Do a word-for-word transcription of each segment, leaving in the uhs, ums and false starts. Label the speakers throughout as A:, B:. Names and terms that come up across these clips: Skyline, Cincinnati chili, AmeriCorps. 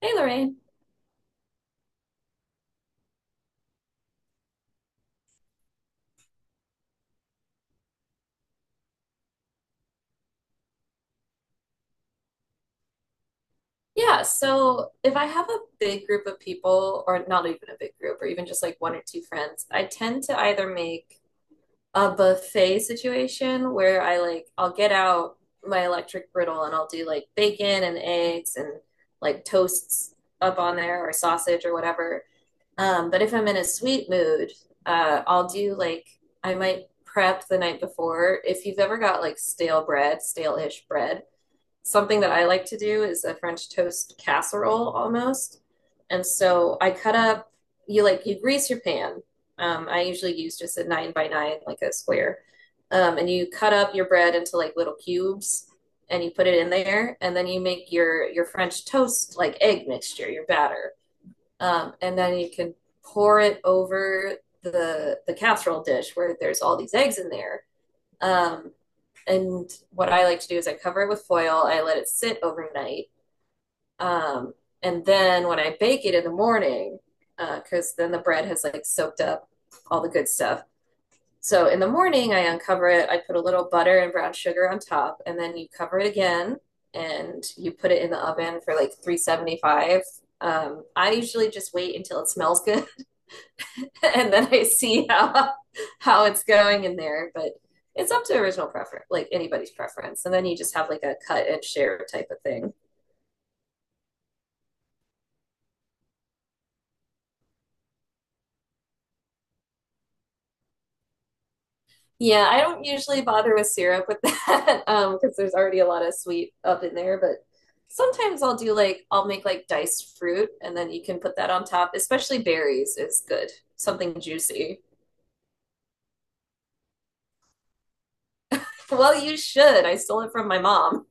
A: Hey Lorraine. Yeah, so if I have a big group of people, or not even a big group, or even just like one or two friends, I tend to either make a buffet situation where I like I'll get out my electric griddle and I'll do like bacon and eggs and like toasts up on there or sausage or whatever. Um, but if I'm in a sweet mood, uh, I'll do like I might prep the night before. If you've ever got like stale bread, stale-ish bread. Something that I like to do is a French toast casserole almost. And so I cut up, you like, you grease your pan. Um, I usually use just a nine by nine, like a square. Um, and you cut up your bread into like little cubes and you put it in there. And then you make your, your French toast, like egg mixture, your batter. Um, and then you can pour it over the, the casserole dish where there's all these eggs in there. Um, and what I like to do is I cover it with foil. I let it sit overnight, um, and then when I bake it in the morning, because then the bread has like soaked up all the good stuff. So in the morning, I uncover it. I put a little butter and brown sugar on top, and then you cover it again, and you put it in the oven for like three seventy-five. Um, I usually just wait until it smells good and then I see how how it's going in there. But it's up to original preference, like anybody's preference. And then you just have like a cut and share type of thing. Yeah, I don't usually bother with syrup with that um, because there's already a lot of sweet up in there. But sometimes I'll do like I'll make like diced fruit, and then you can put that on top. Especially berries is good, something juicy. Well, you should. I stole it from my mom.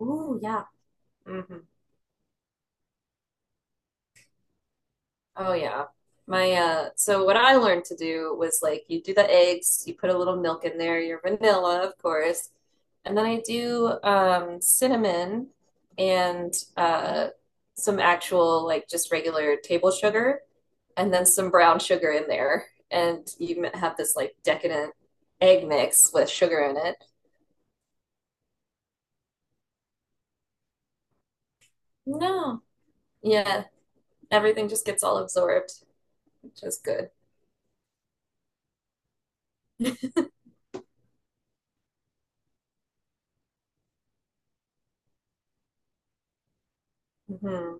A: Ooh, yeah. Hmm. Oh yeah. My uh so what I learned to do was like you do the eggs, you put a little milk in there, your vanilla, of course. And then I do um cinnamon and uh some actual like just regular table sugar and then some brown sugar in there. And you m- have this like decadent egg mix with sugar in it. No. Yeah, everything just gets all absorbed, which is good. Mhm.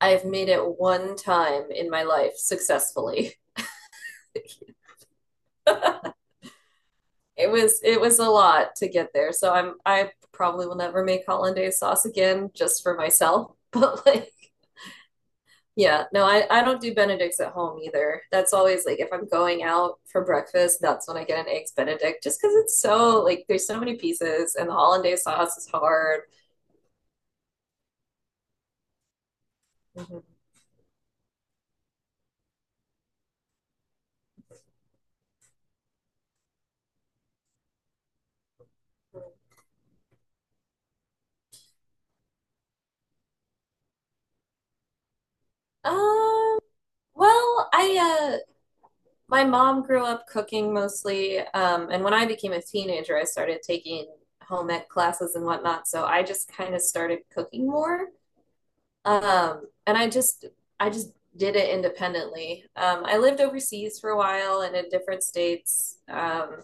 A: I've made it one time in my life successfully. it was it was a lot to get there. So I'm I probably will never make hollandaise sauce again just for myself. But like yeah, no, I, I don't do Benedicts at home either. That's always like if I'm going out for breakfast, that's when I get an eggs Benedict just because it's so like there's so many pieces and the hollandaise sauce is hard. Mm-hmm. Um, well, I uh my mom grew up cooking mostly, um, and when I became a teenager, I started taking home ec classes and whatnot. So I just kind of started cooking more, um, and I just I just did it independently. Um, I lived overseas for a while and in different states. Um,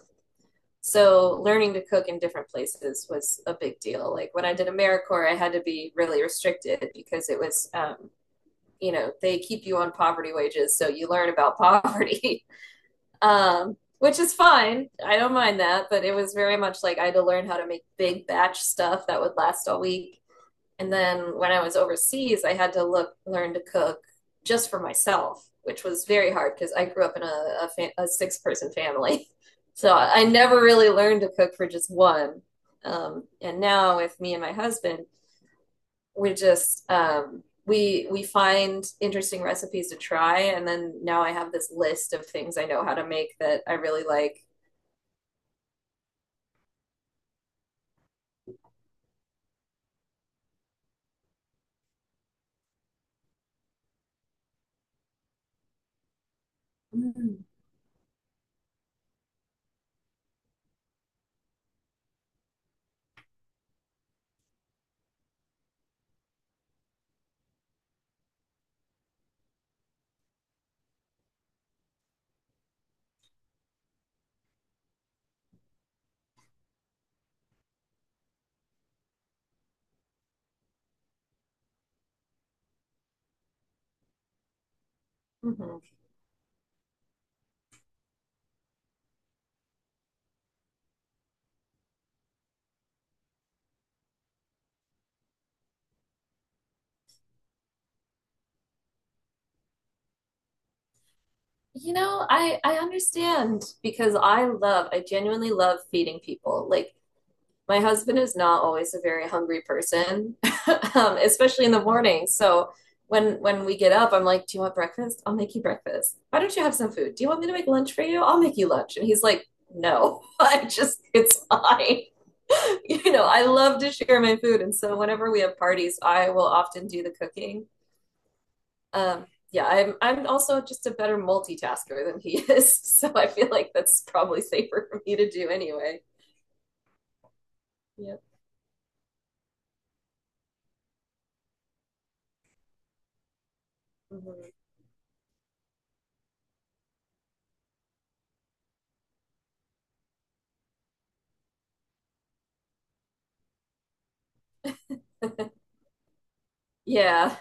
A: so learning to cook in different places was a big deal. Like when I did AmeriCorps, I had to be really restricted because it was, um, you know, they keep you on poverty wages. So you learn about poverty um, which is fine. I don't mind that, but it was very much like I had to learn how to make big batch stuff that would last all week. And then when I was overseas, I had to look learn to cook just for myself, which was very hard because I grew up in a, a, fa- a six person family, so I never really learned to cook for just one. Um, and now with me and my husband, we just um, we we find interesting recipes to try, and then now I have this list of things I know how to make that I really like. Mm, mhm. You know, I I understand because I love I genuinely love feeding people. Like my husband is not always a very hungry person, um, especially in the morning. So when when we get up, I'm like, "Do you want breakfast? I'll make you breakfast. Why don't you have some food? Do you want me to make lunch for you? I'll make you lunch." And he's like, "No, I just it's fine." you know, I love to share my food, and so whenever we have parties, I will often do the cooking. Um, yeah, I'm I'm also just a better multitasker than he is, so I feel like that's probably safer for me to do anyway. Yeah. Mhm. Yeah.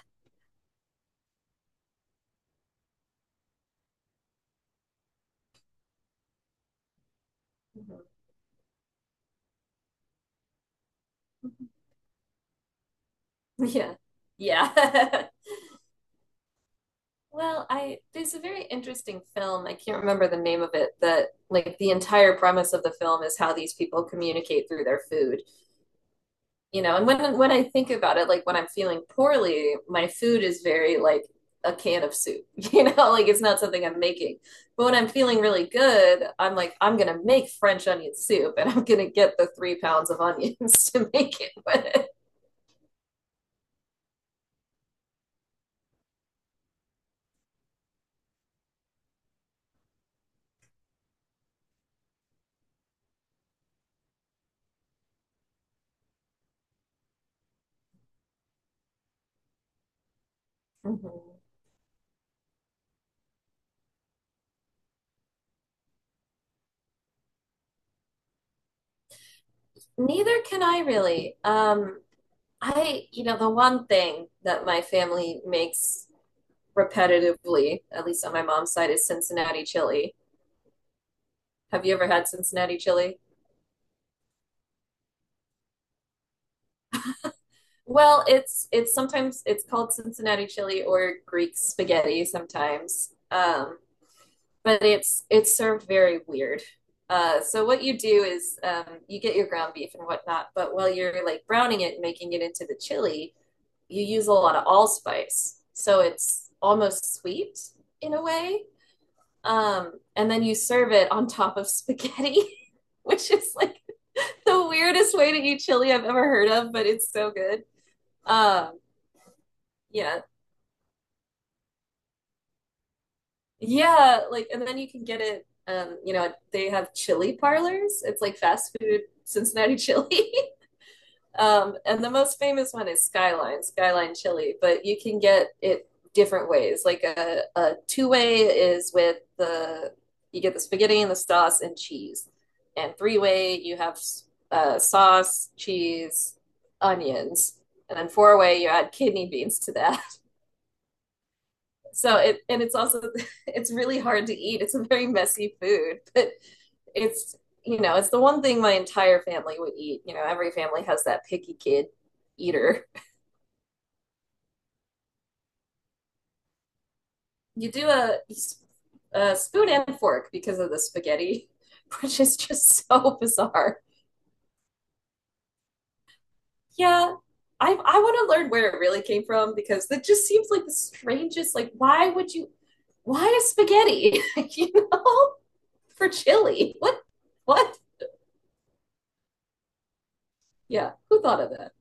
A: Mhm. Yeah. Yeah. Well, I there's a very interesting film, I can't remember the name of it, that like the entire premise of the film is how these people communicate through their food. you know and when when i think about it, like, when i'm feeling poorly, my food is very like a can of soup, you know like it's not something i'm making. But when i'm feeling really good, i'm like, i'm gonna make french onion soup, and i'm gonna get the three pounds of onions to make it with. Mhm. Neither can I really. Um, I, you know, the one thing that my family makes repetitively, at least on my mom's side, is Cincinnati chili. Have you ever had Cincinnati chili? Well, it's it's sometimes it's called Cincinnati chili or Greek spaghetti sometimes. Um, but it's it's served very weird. Uh, so what you do is um, you get your ground beef and whatnot, but while you're like browning it and making it into the chili, you use a lot of allspice. So it's almost sweet in a way. Um, and then you serve it on top of spaghetti, which is like the weirdest way to eat chili I've ever heard of, but it's so good. Um, yeah, Yeah, like and then you can get it um, you know, they have chili parlors. It's like fast food Cincinnati chili. Um, and the most famous one is Skyline, Skyline chili, but you can get it different ways. Like a, a two-way is with the you get the spaghetti and the sauce and cheese. And three-way you have uh, sauce, cheese, onions. And then four-way you add kidney beans to that. So it and it's also it's really hard to eat. It's a very messy food, but it's you know, it's the one thing my entire family would eat. You know, every family has that picky kid eater. You do a, a spoon and fork because of the spaghetti, which is just so bizarre. Yeah, I I want to learn where it really came from because that just seems like the strangest. Like, why would you? Why is spaghetti? you know, for chili? What? What? Yeah, who thought of that?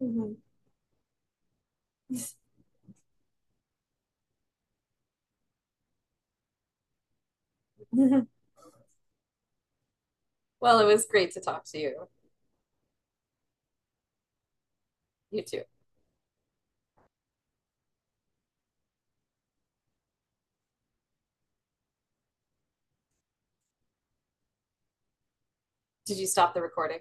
A: Mhm. Well, it was great to talk to you. You too. Did you stop the recording?